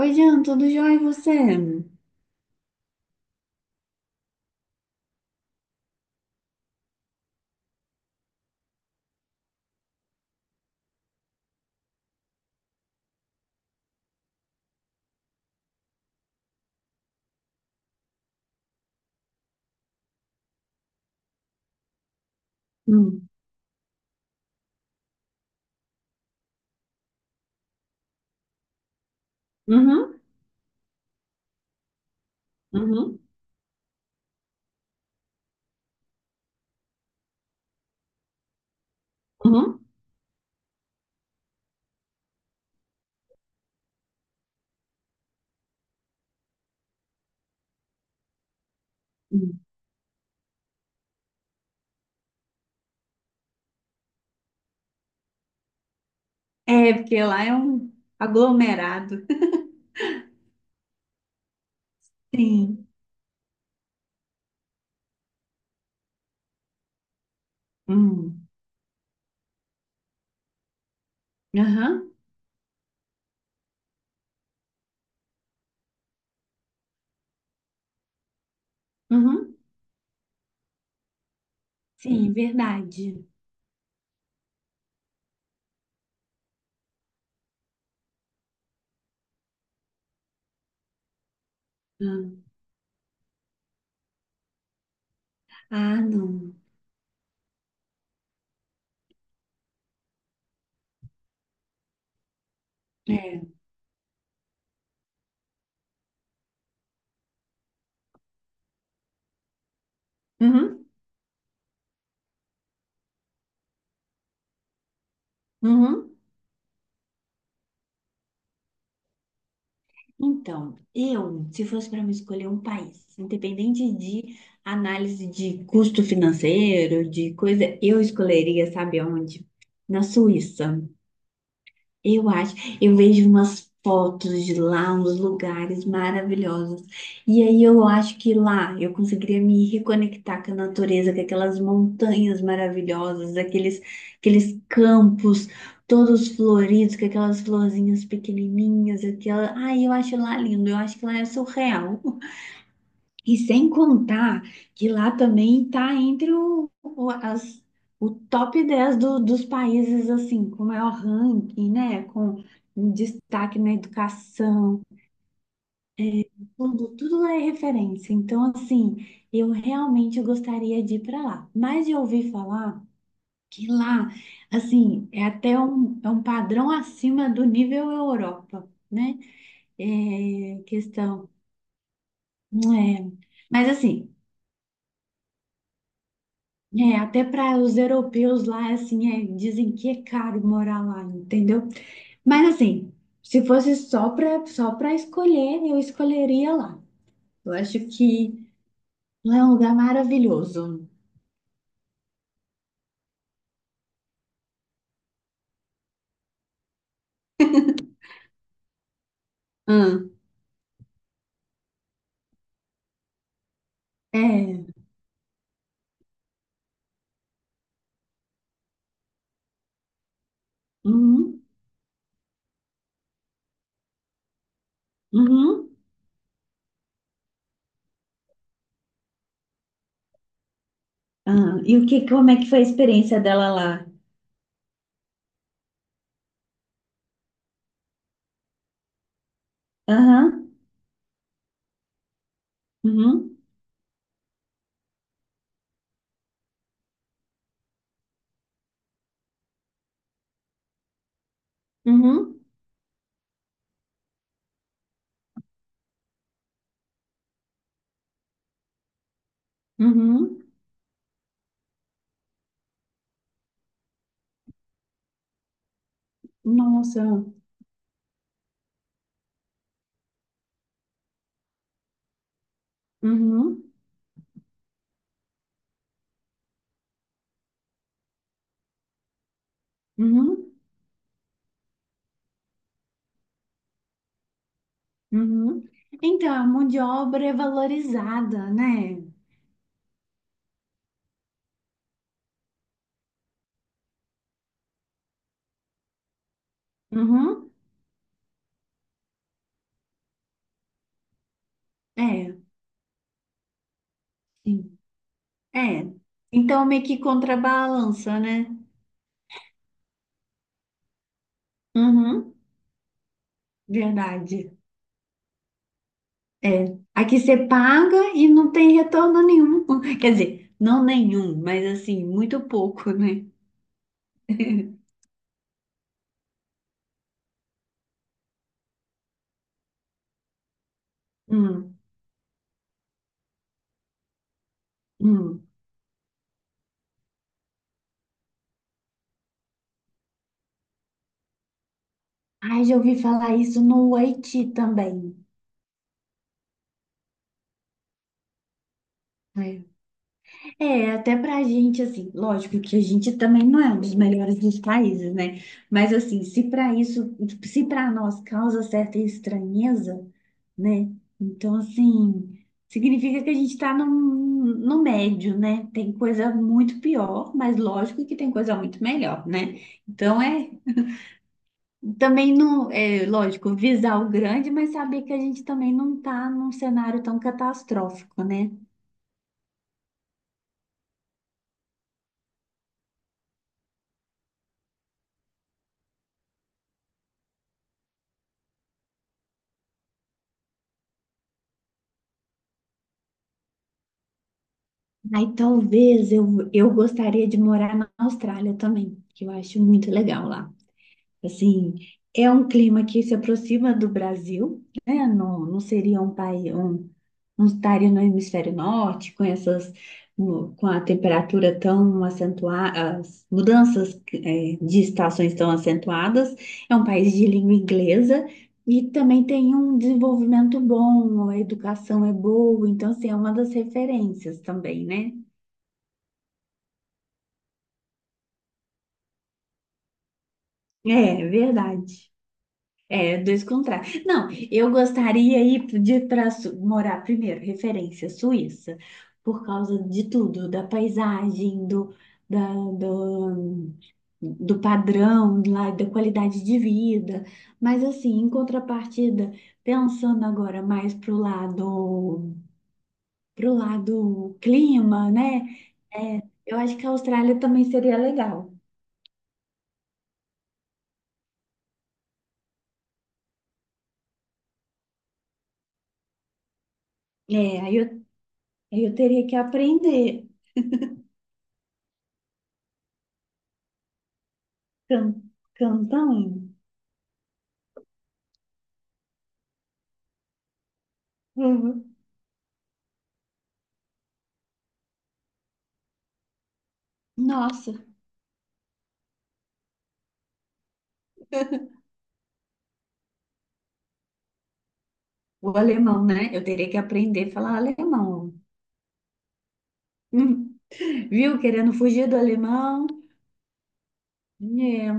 Oi, Jean, tudo jóia e você? Hum. Uhum, uhum, uhum, uhum. É, porque lá é um aglomerado. Sim. Hum. Aham, uhum. Sim, verdade. Hum. Ah, não. É. Uhum. Uhum. Então, eu, se fosse para me escolher um país, independente de análise de custo financeiro, de coisa, eu escolheria, sabe aonde? Na Suíça. Eu acho, eu vejo umas fotos de lá, uns lugares maravilhosos. E aí eu acho que lá eu conseguiria me reconectar com a natureza, com aquelas montanhas maravilhosas, aqueles campos todos floridos, com aquelas florzinhas pequenininhas, aquela Ai, eu acho lá lindo, eu acho que lá é surreal. E sem contar que lá também está entre o top 10 dos países assim com maior ranking, né? Com destaque na educação, tudo, tudo lá é referência. Então, assim, eu realmente gostaria de ir para lá. Mas eu ouvi falar que lá, assim, é um padrão acima do nível Europa, né? É, questão. É, mas assim, é, até para os europeus lá, assim, é, dizem que é caro morar lá, entendeu? Mas assim, se fosse só para escolher, eu escolheria lá. Eu acho que lá é um lugar maravilhoso. Hum. É. Uhum, uhum. Ah, e o que, como é que foi a experiência dela lá? Aham, uhum, uhum, uhum. Nossa. Uhum, uhum, uhum. Então, a mão de obra é valorizada, né? Uhum. É, sim. É. Então meio que contrabalança, né? Uhum, verdade. É. Aqui você paga e não tem retorno nenhum. Quer dizer, não nenhum, mas assim, muito pouco, né? Hum, hum. Ai, já ouvi falar isso no Haiti também. É. É, até pra gente, assim, lógico que a gente também não é um dos melhores dos países, né? Mas, assim, se para isso, se para nós causa certa estranheza, né? Então, assim, significa que a gente tá num, no médio, né? Tem coisa muito pior, mas lógico que tem coisa muito melhor, né? Então, é também não, é lógico, visar o grande, mas saber que a gente também não tá num cenário tão catastrófico, né? Aí talvez eu gostaria de morar na Austrália também, que eu acho muito legal lá. Assim, é um clima que se aproxima do Brasil, né? Não, não seria um país, um, não estaria no hemisfério norte, com essas, com a temperatura tão acentuada, as mudanças, de estações tão acentuadas. É um país de língua inglesa. E também tem um desenvolvimento bom, a educação é boa, então, assim, é uma das referências também, né? É, verdade. É, dois contrários. Não, eu gostaria ir de para morar primeiro, referência Suíça, por causa de tudo, da paisagem, do, da, do, do padrão lá, da qualidade de vida. Mas assim, em contrapartida, pensando agora mais pro lado clima, né? É, eu acho que a Austrália também seria legal. É, aí eu teria que aprender. Can, Cantanhede. Uhum. Nossa, o alemão, né? Eu teria que aprender a falar alemão. Hum. Viu? Querendo fugir do alemão. É.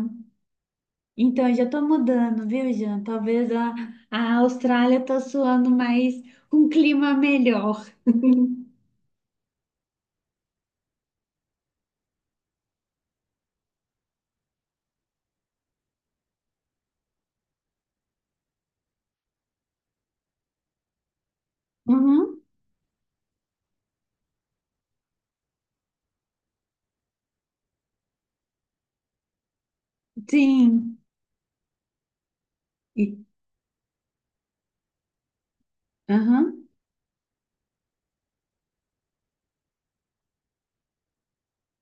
Então, eu já tô mudando, viu, Jean? Talvez a Austrália tá soando mais um clima melhor. Uhum. Sim. E- Aham.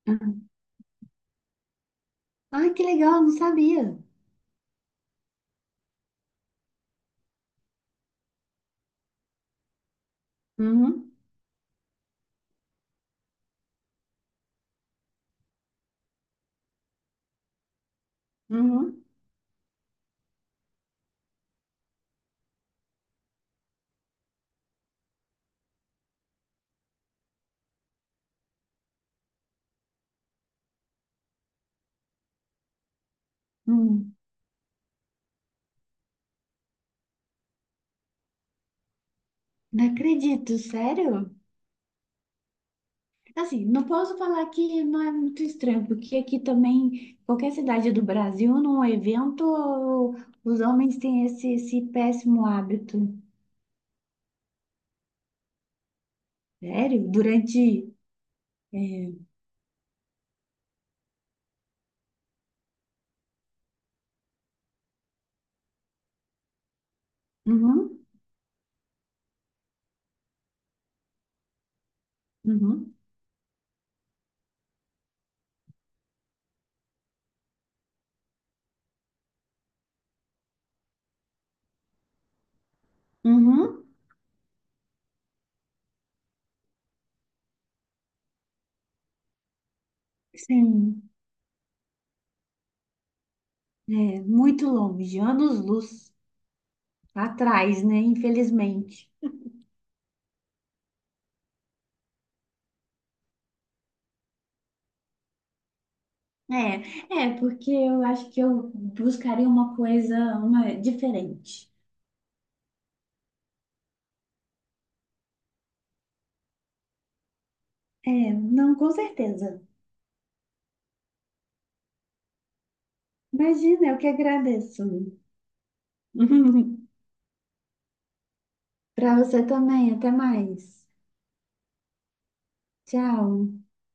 Aham. Ai, que legal, não sabia. Uhum. Uhum. Uhum. Não acredito, sério? Assim, não posso falar que não é muito estranho, porque aqui também, qualquer cidade do Brasil, num evento, os homens têm esse péssimo hábito. Sério? Durante. É, uhum, uhum, uhum, sim, é, muito longe, anos-luz atrás, né? Infelizmente. É, é, porque eu acho que eu buscaria uma coisa diferente. É, não, com certeza. Imagina, eu que agradeço. Para você também. Até mais. Tchau.